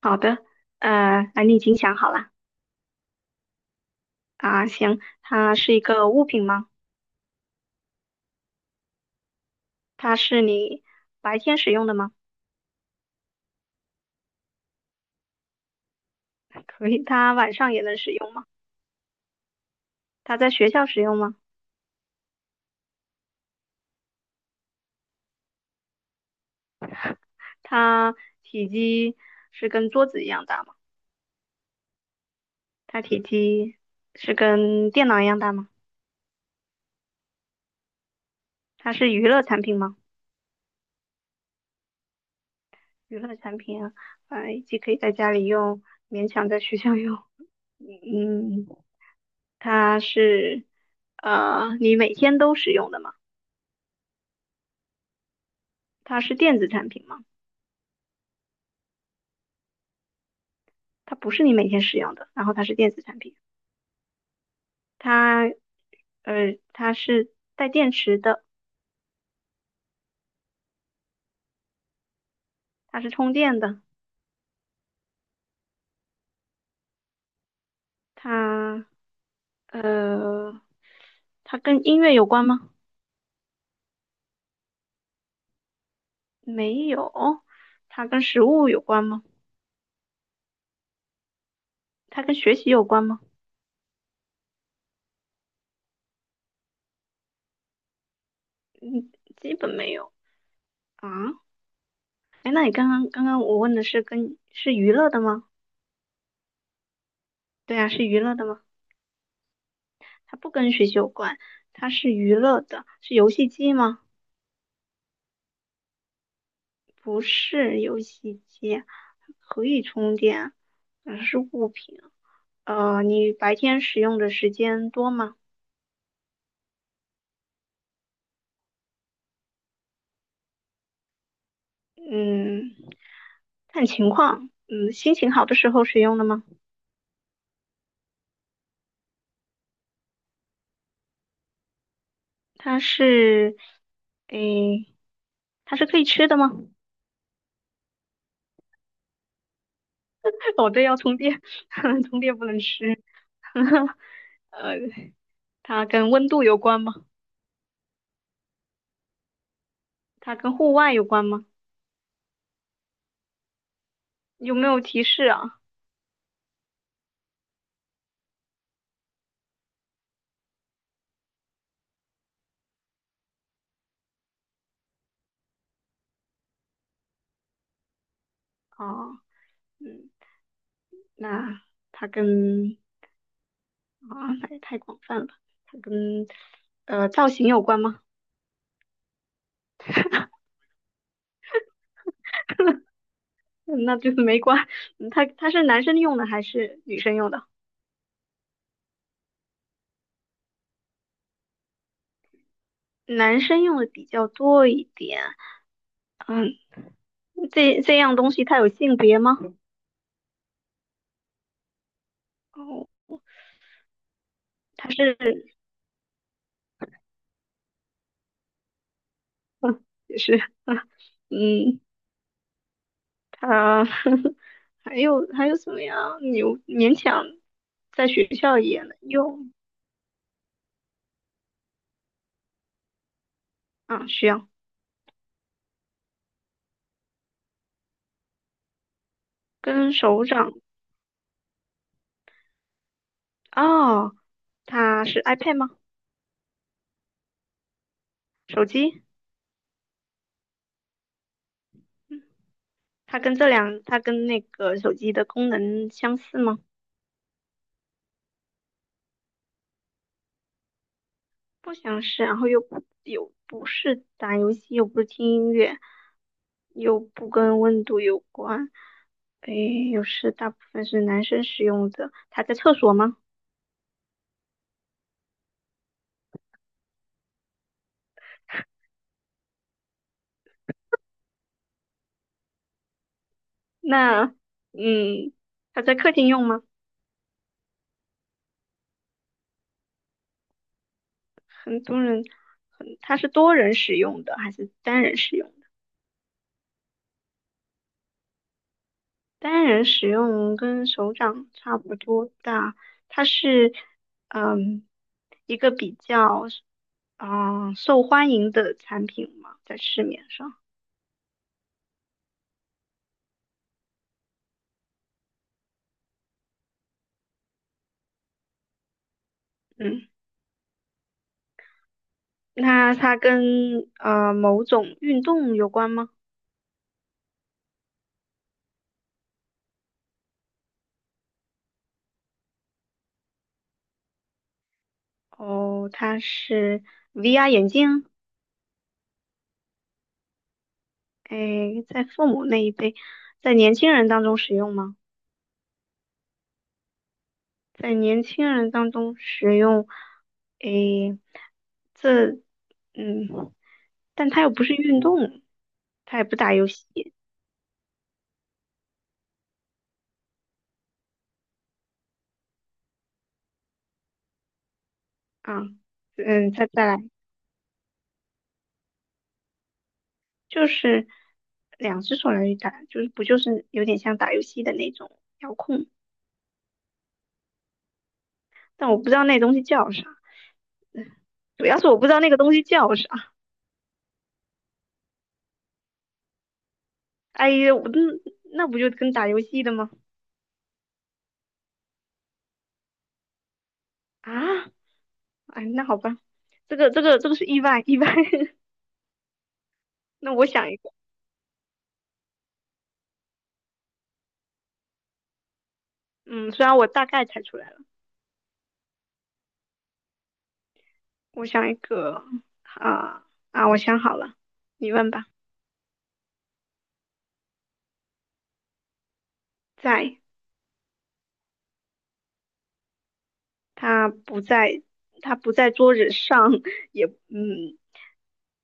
好的，那你已经想好了啊？行，它是一个物品吗？它是你白天使用的吗？可以，它晚上也能使用吗？它在学校使用吗？它体积是跟桌子一样大吗？它体积是跟电脑一样大吗？它是娱乐产品吗？娱乐产品啊，既可以在家里用，勉强在学校用。嗯，它是你每天都使用的吗？它是电子产品吗？它不是你每天使用的，然后它是电子产品，它它是带电池的，它是充电的，它呃它跟音乐有关吗？没有，它跟食物有关吗？它跟学习有关吗？嗯，基本没有啊。哎，那你刚刚我问的是跟是娱乐的吗？对啊，是娱乐的吗？它不跟学习有关，它是娱乐的，是游戏机吗？不是游戏机，它可以充电，是物品。你白天使用的时间多吗？嗯，看情况。嗯，心情好的时候使用的吗？它是，诶，它是可以吃的吗？哦，对，要充电，充电不能吃。呃，它跟温度有关吗？它跟户外有关吗？有没有提示啊？哦，嗯，那它跟啊，那也太广泛了吧。它跟造型有关吗？嗯那就是没关。嗯它是男生用的还是女生用的？男生用的比较多一点。嗯，这样东西它有性别吗？哦，它是，嗯，也是，嗯，嗯它 还有什么呀？牛勉强在学校也能用。啊，需要跟手掌。哦，它是 iPad 吗？手机？嗯它跟那个手机的功能相似吗？不相似，然后又不是打游戏，又不是听音乐，又不跟温度有关，诶，又是大部分是男生使用的。他在厕所吗？那，嗯，他在客厅用吗？很多人，很，他是多人使用的还是单人使用？单人使用跟手掌差不多大，它是嗯一个比较受欢迎的产品嘛，在市面上。嗯，那它跟某种运动有关吗？哦，它是 VR 眼镜，诶，在父母那一辈，在年轻人当中使用吗？在年轻人当中使用，诶，这，嗯，但他又不是运动，他也不打游戏啊，嗯，再来就是两只手来打，就是不就是有点像打游戏的那种遥控，但我不知道那东西叫啥，主要是我不知道那个东西叫啥，哎呀，那不就跟打游戏的吗？啊，哎，那好吧，这个是意外，那我想一个。嗯，虽然我大概猜出来。了。我想一个啊啊，我想好了，你问吧。在，它不在，它不在桌子上，也嗯，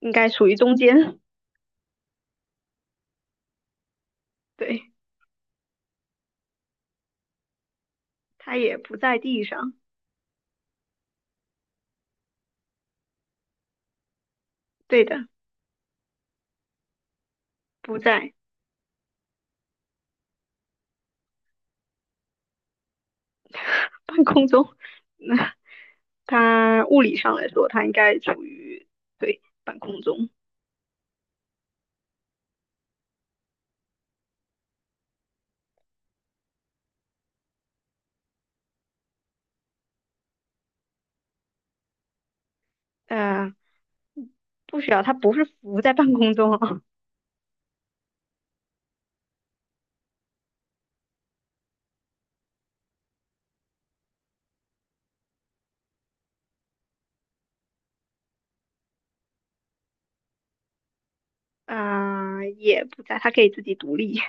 应该属于中间。对，它也不在地上。对的，不在半空中。那它物理上来说，它应该处于对半空中。呃，不需要，它不是浮在半空中哦啊，也不在，它可以自己独立。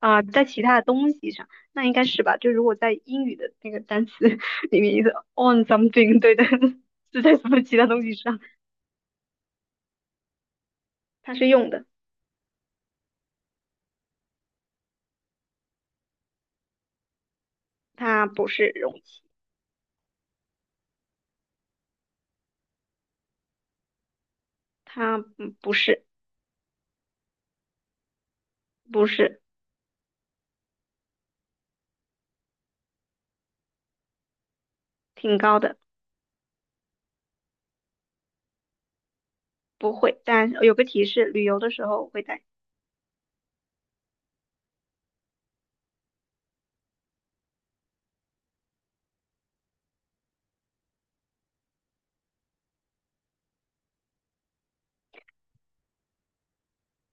啊、在其他的东西上，那应该是吧？就如果在英语的那个单词 里面也是 on something，对的，是在什么其他东西上？它是用的，它不是容器，它不是不是挺高的，不会。但有个提示，旅游的时候会带，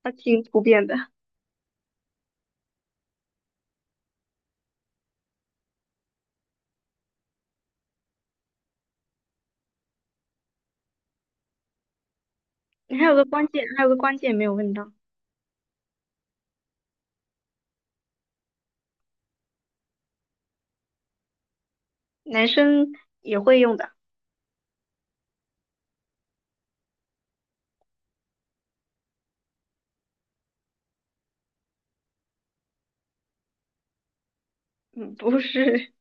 它挺普遍的。你还有个关键，还有个关键没有问到，男生也会用的，嗯，不是，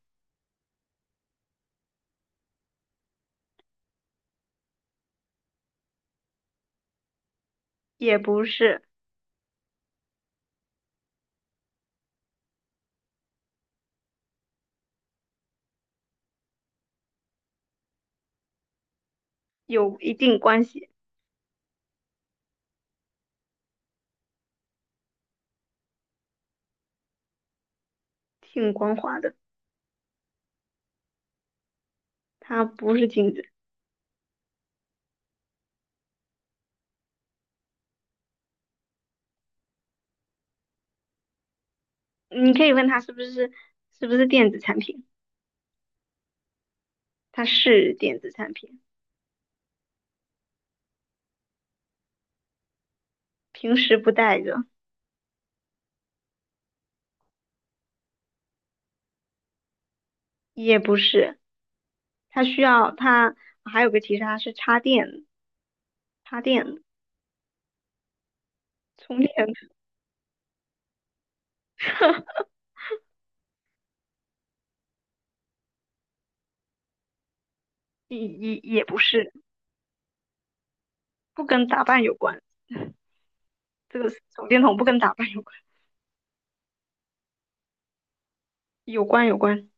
也不是有一定关系，挺光滑的，它不是镜子。你可以问他是不是电子产品，它是电子产品，平时不带着，也不是，它需要它还有个其示，它是插电充电，也不是，不跟打扮有关，这个手电筒不跟打扮有关，有关，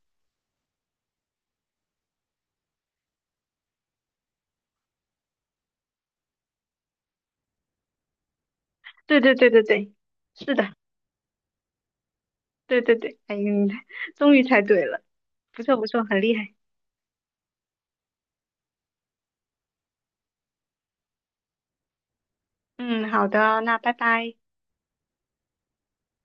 对对对对对，是的，对对对，哎，你终于猜对了，不错不错，很厉害，嗯，好的，那拜拜。